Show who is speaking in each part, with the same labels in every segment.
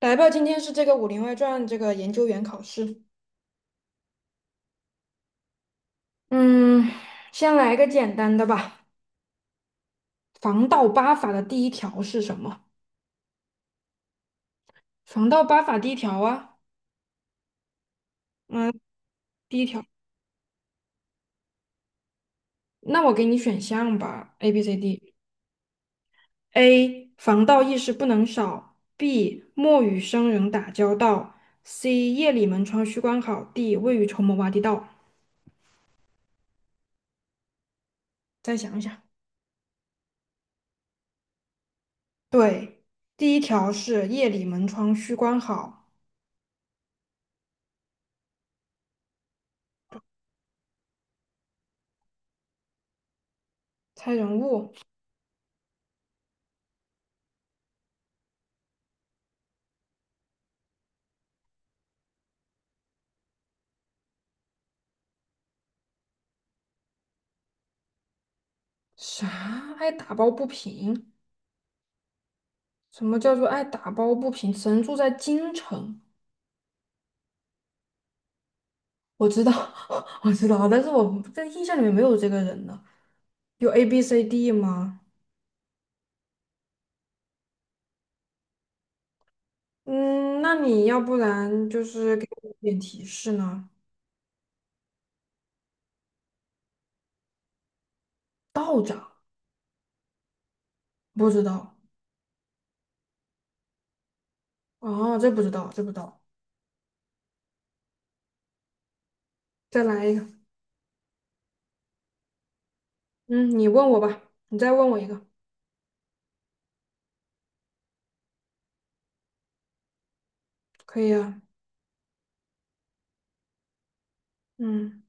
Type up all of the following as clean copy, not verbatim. Speaker 1: 来吧，今天是这个《武林外传》这个研究员考试。嗯，先来个简单的吧。防盗八法的第一条是什么？防盗八法第一条啊，嗯，第一条。那我给你选项吧，A、B、C、D。A. 防盗意识不能少。B. 莫与生人打交道。C. 夜里门窗须关好。D. 未雨绸缪挖地道。再想一想。对，第一条是夜里门窗须关好。猜人物。啥？爱打抱不平？什么叫做爱打抱不平？神住在京城，我知道，我知道，但是我在印象里面没有这个人呢。有 A B C D 吗？嗯，那你要不然就是给我一点提示呢？道长，不知道。哦，这不知道，这不知道。再来一个。嗯，你问我吧，你再问我一个，可以啊。嗯，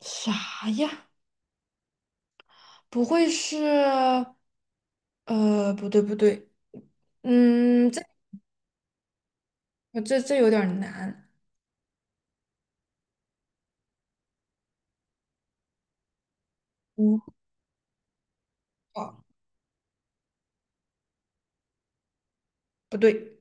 Speaker 1: 啥呀？不会是……不对，不对。嗯，这。我这有点儿难。嗯，哦，不对，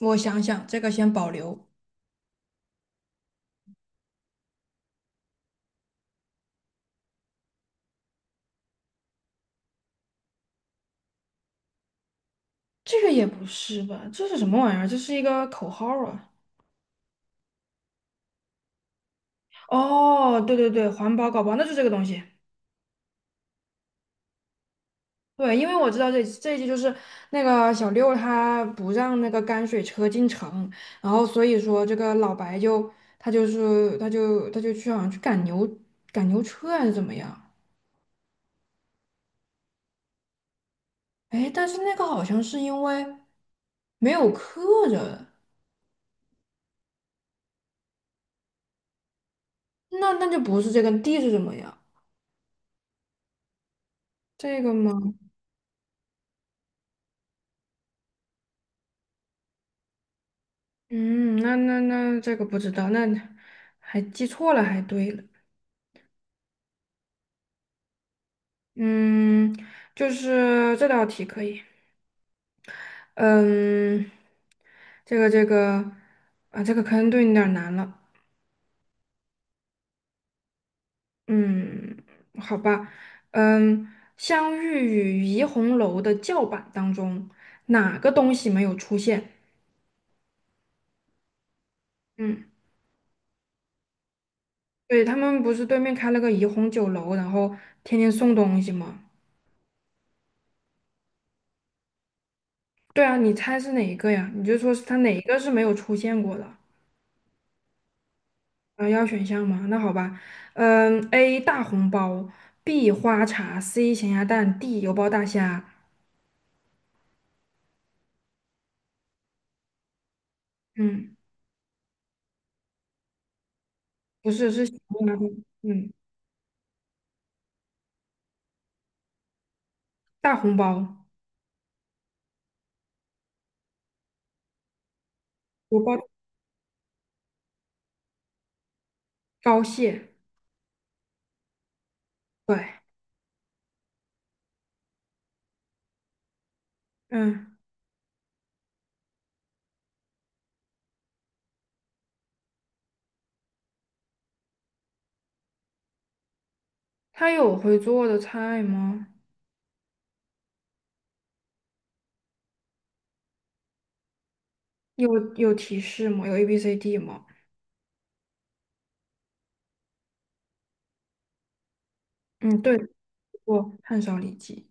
Speaker 1: 我想想，这个先保留。这个也不是吧？这是什么玩意儿？这是一个口号啊！哦，对对对，环保搞包，那就这个东西。对，因为我知道这一集就是那个小六他不让那个泔水车进城，然后所以说这个老白就他就是他就他就去好像去赶牛车还是怎么样？哎，但是那个好像是因为没有客人。那那就不是这个 D 是什么呀？这个吗？嗯，那那那这个不知道，那还记错了，还对了。嗯，就是这道题可以。嗯，这个啊，这个可能对你有点儿难了。嗯，好吧。嗯，相遇与怡红楼的叫板当中，哪个东西没有出现？嗯，对，他们不是对面开了个怡红酒楼，然后天天送东西吗？对啊，你猜是哪一个呀？你就说是它哪一个是没有出现过的？啊，要选项吗？那好吧，嗯，A 大红包，B 花茶，C 咸鸭蛋，D 油包大虾。嗯，不是，是咸鸭蛋。嗯，大红包，油包高蟹。对，嗯，它有会做的菜吗？有有提示吗？有 A B C D 吗？嗯，对，做炭烧里脊，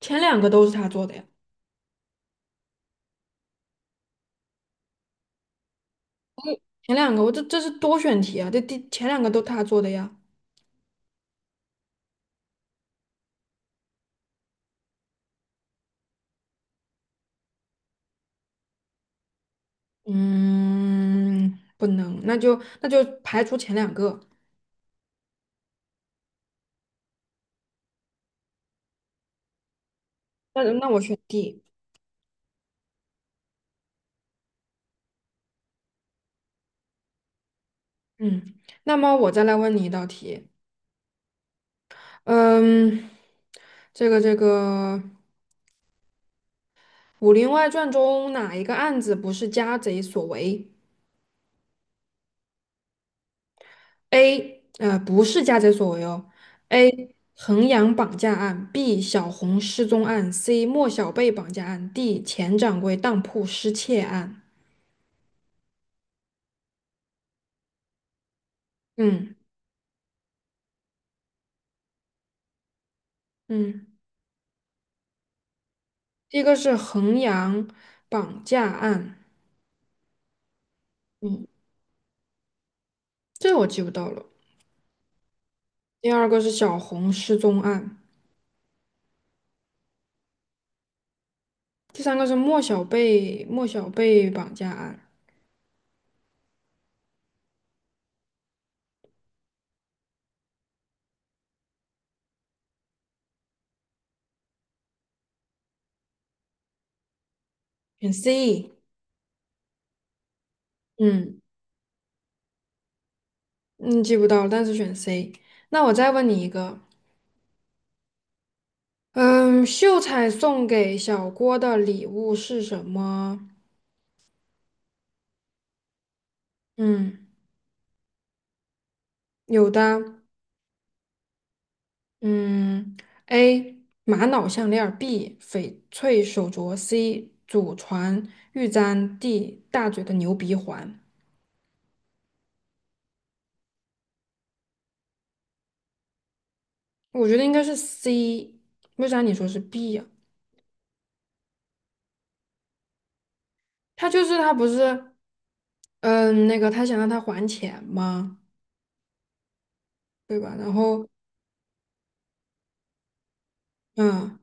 Speaker 1: 前两个都是他做的呀。前两个我这是多选题啊，这第前两个都他做的呀。嗯，不能，那就那就排除前两个。那那我选 D。嗯，那么我再来问你一道题。嗯，这个《武林外传》中哪一个案子不是家贼所为？A，不是家贼所为哦。A. 衡阳绑架案，B. 小红失踪案，C. 莫小贝绑架案，D. 钱掌柜当铺失窃案。嗯嗯。第一个是衡阳绑架案，嗯，这我记不到了。第二个是小红失踪案，第三个是莫小贝绑架案。选 C。嗯嗯，记不到了，但是选 C。那我再问你一个，嗯，秀才送给小郭的礼物是什么？嗯，有的。嗯，A 玛瑙项链儿 b 翡翠手镯，C 祖传玉簪，D 大嘴的牛鼻环。我觉得应该是 C，为啥你说是 B 呀、他就是他不是，嗯，那个他想让他还钱吗？对吧？然后，嗯，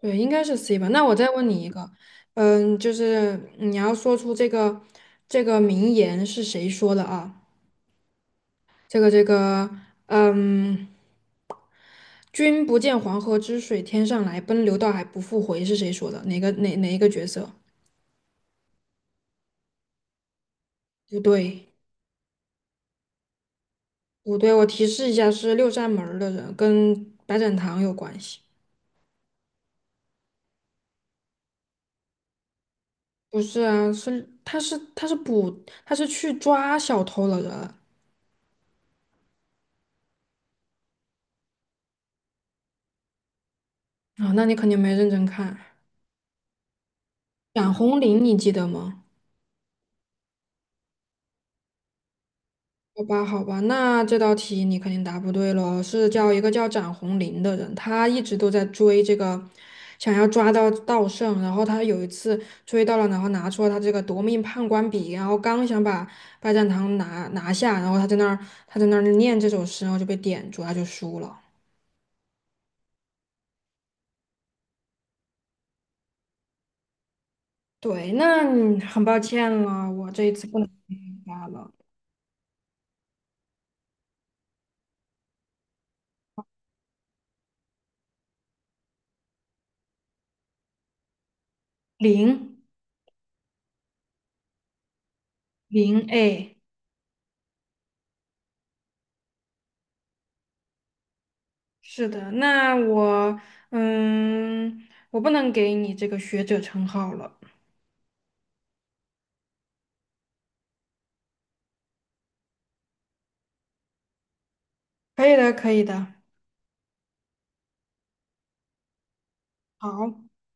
Speaker 1: 对，应该是 C 吧。那我再问你一个，嗯，就是你要说出这个这个名言是谁说的啊？这个这个，嗯。君不见黄河之水天上来，奔流到海不复回，是谁说的？哪一个角色？不对，不对，我提示一下，是六扇门儿的人，跟白展堂有关系。不是啊，他是去抓小偷了的人啊，那你肯定没认真看。蒋红林，你记得吗？好吧，好吧，那这道题你肯定答不对喽。是叫一个叫展红林的人，他一直都在追这个，想要抓到稻圣。然后他有一次追到了，然后拿出了他这个夺命判官笔，然后刚想把拜占堂拿下，然后他在那儿念这首诗，然后就被点住，他就输了。对，那你很抱歉了，我这一次不能给你答了。零零哎。是的，那我，嗯，我不能给你这个学者称号了。可以的，可以的。好，